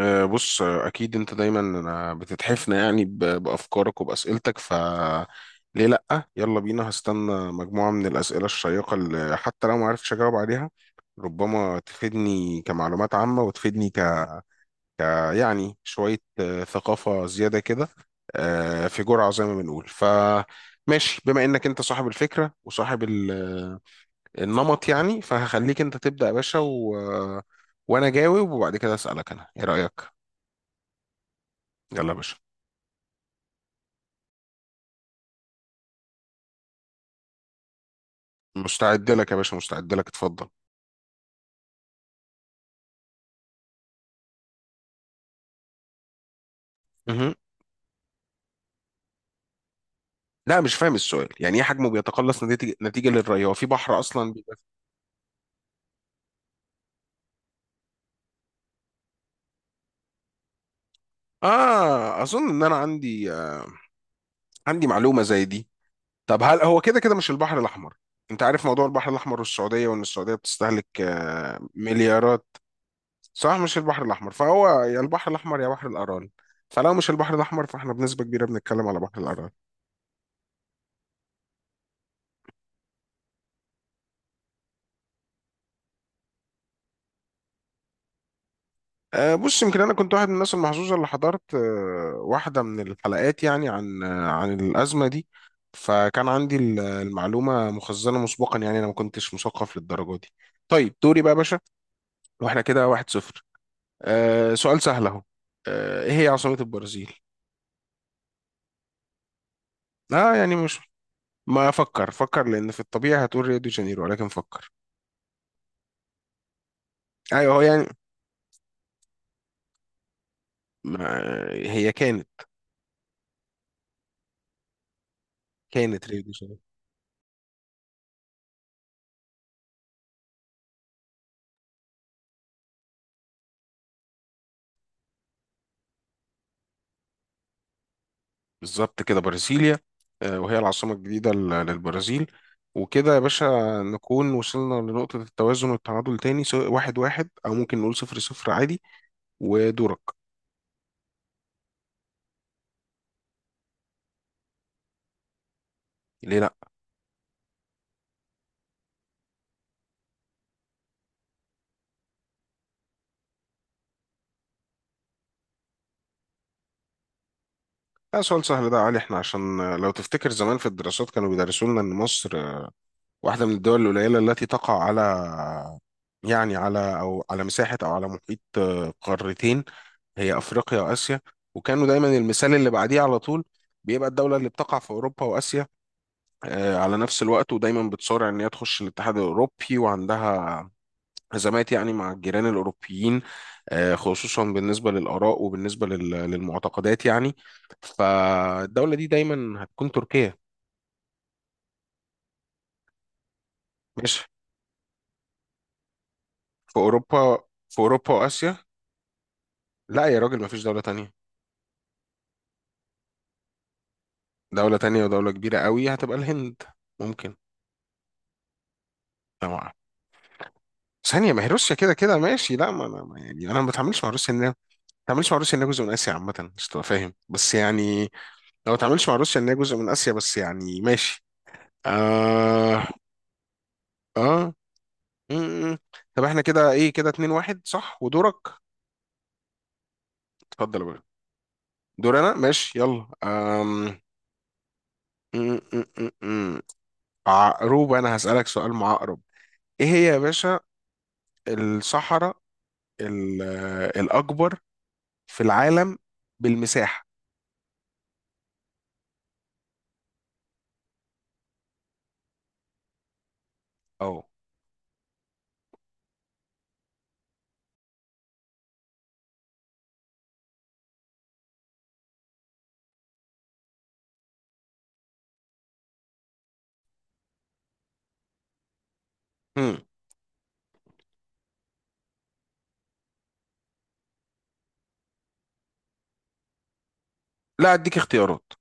بص، اكيد انت دايما، بتتحفنا يعني بافكارك وباسئلتك. ف ليه لا؟ يلا بينا، هستنى مجموعه من الاسئله الشيقه اللي حتى لو ما عرفتش اجاوب عليها ربما تفيدني كمعلومات عامه وتفيدني ك آه، يعني شويه ثقافه زياده كده، آه، في جرعه زي ما بنقول. ف ماشي، بما انك انت صاحب الفكره وصاحب النمط يعني، فهخليك انت تبدا يا باشا و... آه، وانا جاوب، وبعد كده اسالك انا ايه رايك. يلا يا باشا، مستعد لك يا باشا، مستعد لك، اتفضل. مهم. لا، مش فاهم السؤال، يعني ايه حجمه بيتقلص نتيجة للري؟ هو في بحر اصلا بيبقى. اه، اظن ان انا عندي عندي معلومة زي دي. طب هل هو كده كده مش البحر الاحمر؟ انت عارف موضوع البحر الاحمر والسعودية، وان السعودية بتستهلك مليارات. صح، مش البحر الاحمر، فهو يا البحر الاحمر يا بحر الارال. فلو مش البحر الاحمر فاحنا بنسبة كبيرة بنتكلم على بحر الارال. بص، يمكن انا كنت واحد من الناس المحظوظه اللي حضرت واحده من الحلقات، يعني عن الازمه دي، فكان عندي المعلومه مخزنه مسبقا، يعني انا ما كنتش مثقف للدرجه دي. طيب دوري بقى يا باشا، واحنا كده 1-0. سؤال سهل اهو. ايه هي عاصمه البرازيل؟ اه، يعني مش. ما افكر، فكر، لان في الطبيعي هتقول ريو دي جانيرو ولكن فكر. ايوه، هو يعني ما هي كانت ريو دي جانيرو. بالظبط كده، برازيليا. وهي العاصمة الجديدة للبرازيل. وكده يا باشا، نكون وصلنا لنقطة التوازن والتعادل تاني، سواء 1-1 أو ممكن نقول 0-0 عادي. ودورك. ليه لأ؟ ده سؤال سهل ده يا علي، احنا عشان، لو تفتكر زمان في الدراسات كانوا بيدرسوا لنا إن مصر، واحدة من الدول القليلة التي تقع على، يعني على، أو على مساحة أو على محيط، قارتين، هي أفريقيا وآسيا. وكانوا دايما المثال اللي بعديه على طول بيبقى الدولة اللي بتقع في أوروبا وآسيا على نفس الوقت، ودايما بتصارع ان هي تخش الاتحاد الاوروبي، وعندها ازمات يعني مع الجيران الاوروبيين، خصوصا بالنسبه للاراء وبالنسبه للمعتقدات يعني. فالدوله دي دايما هتكون تركيا. ماشي. في اوروبا واسيا. لا يا راجل، ما فيش دوله تانية. دوله تانية ودوله كبيره قوي؟ هتبقى الهند، ممكن. طبعا، ثانية، ما هي روسيا كده كده، ماشي. لا، ما انا يعني انا ما بتعاملش مع روسيا انها، ما بتعاملش مع روسيا انها جزء من اسيا عامة، مش تبقى فاهم بس يعني. لو ما تعملش مع روسيا ان هي جزء من اسيا بس يعني، ماشي. اه. اه م- م. طب احنا كده ايه؟ كده 2-1 صح، ودورك. اتفضل يا باشا. دور انا، ماشي، يلا. م- م- م- م. عقرب، انا هسألك سؤال معقرب. ايه هي يا باشا الصحراء الاكبر في العالم بالمساحة؟ اه. م. لا، اديك اختيارات.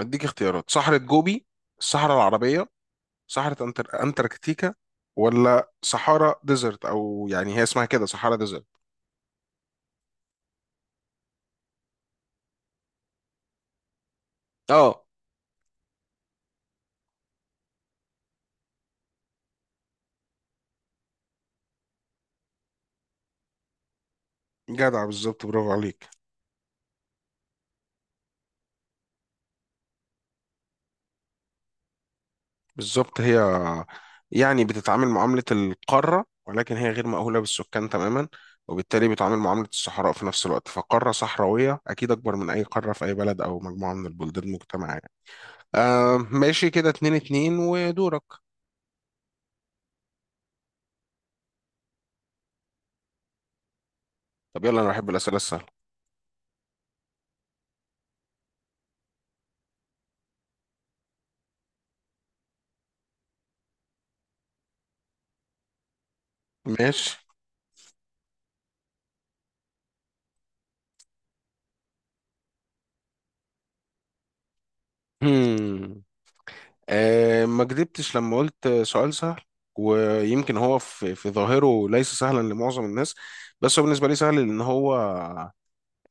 اديك اختيارات: صحراء جوبي، الصحراء العربية، صحراء أنتاركتيكا، ولا صحارى ديزرت. أو يعني هي اسمها كده صحارى ديزرت. اه، جدع، بالظبط، برافو عليك. بالظبط هي، يعني بتتعامل معاملة القارة ولكن هي غير مأهولة بالسكان تماما، وبالتالي بتعامل معاملة الصحراء في نفس الوقت، فقارة صحراوية أكيد أكبر من أي قارة في أي بلد أو مجموعة من البلدان المجتمع يعني. ماشي، كده 2-2، ودورك. طب يلا، أنا بحب الأسئلة السهلة. ماشي. ما كدبتش لما قلت سؤال سهل. ويمكن هو في ظاهره ليس سهلا لمعظم الناس، بس هو بالنسبة لي سهل، لأن هو،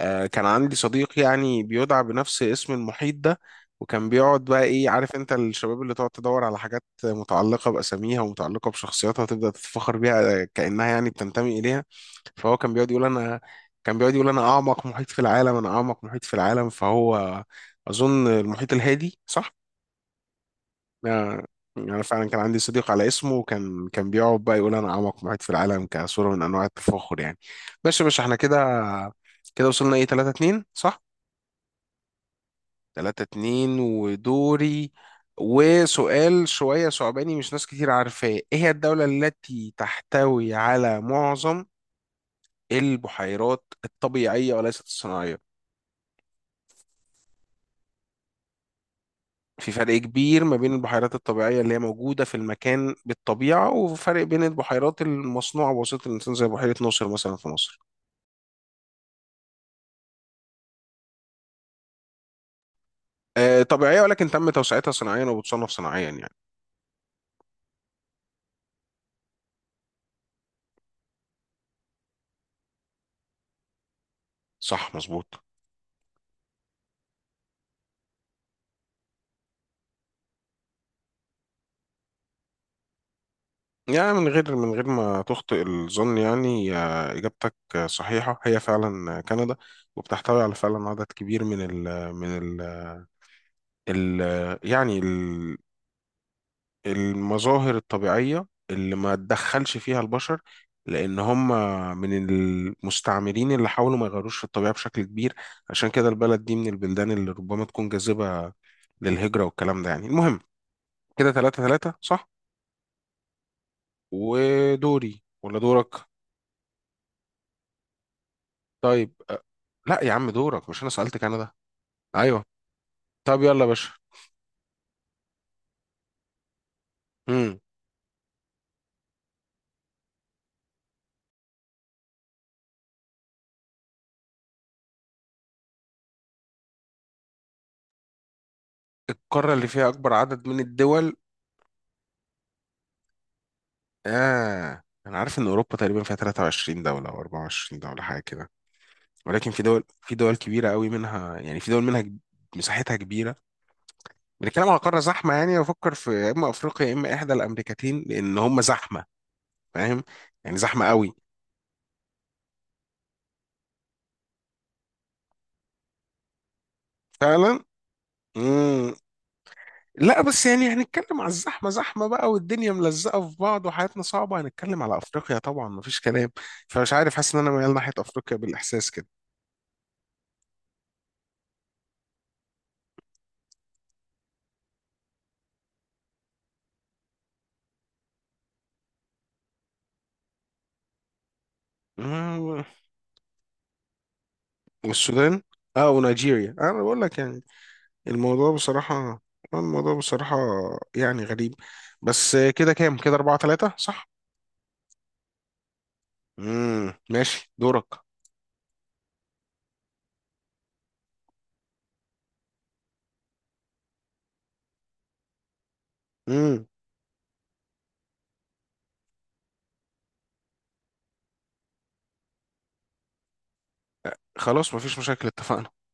كان عندي صديق يعني بيدعى بنفس اسم المحيط ده. وكان بيقعد بقى، إيه، عارف أنت الشباب اللي تقعد تدور على حاجات متعلقة بأساميها ومتعلقة بشخصياتها تبدأ تتفخر بيها، كأنها يعني بتنتمي إليها. فهو كان بيقعد يقول انا، كان بيقعد يقول انا اعمق محيط في العالم، انا اعمق محيط في العالم. فهو اظن المحيط الهادي صح. آه، يعني انا فعلا كان عندي صديق على اسمه، وكان بيقعد بقى يقول انا اعمق محيط في العالم، كصوره من انواع التفاخر يعني. ماشي يا باشا، احنا كده وصلنا ايه 3-2 صح. 3-2 ودوري، وسؤال شويه صعباني، مش ناس كتير عارفاه. ايه هي الدوله التي تحتوي على معظم البحيرات الطبيعيه وليست الصناعيه؟ في فرق كبير ما بين البحيرات الطبيعية اللي هي موجودة في المكان بالطبيعة، وفرق بين البحيرات المصنوعة بواسطة الإنسان، زي بحيرة ناصر مثلا في مصر. طبيعية، ولكن تم توسعتها صناعيا وبتصنف صناعيا يعني. صح، مظبوط. يعني، من غير ما تخطئ الظن يعني، آه، إجابتك صحيحة، هي فعلا، كندا، وبتحتوي على فعلا عدد كبير من ال من ال ال يعني المظاهر الطبيعية اللي ما تدخلش فيها البشر، لأن هم من المستعمرين اللي حاولوا ما يغيروش في الطبيعة بشكل كبير. عشان كده البلد دي من البلدان اللي ربما تكون جاذبة للهجرة والكلام ده يعني. المهم، كده 3-3 صح. ودوري ولا دورك؟ طيب. لا يا عم، دورك، مش أنا سألت كندا. أيوه. طب يلا يا باشا. مم. القارة اللي فيها أكبر عدد من الدول؟ أنا عارف إن أوروبا تقريبا فيها 23 دولة أو 24 دولة، حاجة كده. ولكن في دول كبيرة قوي منها، يعني في دول منها. مساحتها كبيرة. بنتكلم على قارة زحمة، يعني بفكر في يا إما أفريقيا يا إما إحدى الأمريكتين، لأن هم زحمة، فاهم؟ يعني زحمة قوي. فعلا. مم. لا بس يعني، هنتكلم على الزحمة زحمة بقى والدنيا ملزقة في بعض وحياتنا صعبة، هنتكلم على أفريقيا طبعا، مفيش كلام. فمش عارف، حاسس إن أنا ميال ناحية أفريقيا بالإحساس كده. مم. والسودان. اه، ونيجيريا، انا بقول لك يعني الموضوع بصراحة، آه، الموضوع بصراحة يعني غريب. بس كده كام؟ كده 4-3 صح؟ مم. ماشي، دورك. مم. خلاص، مفيش مشاكل، اتفقنا.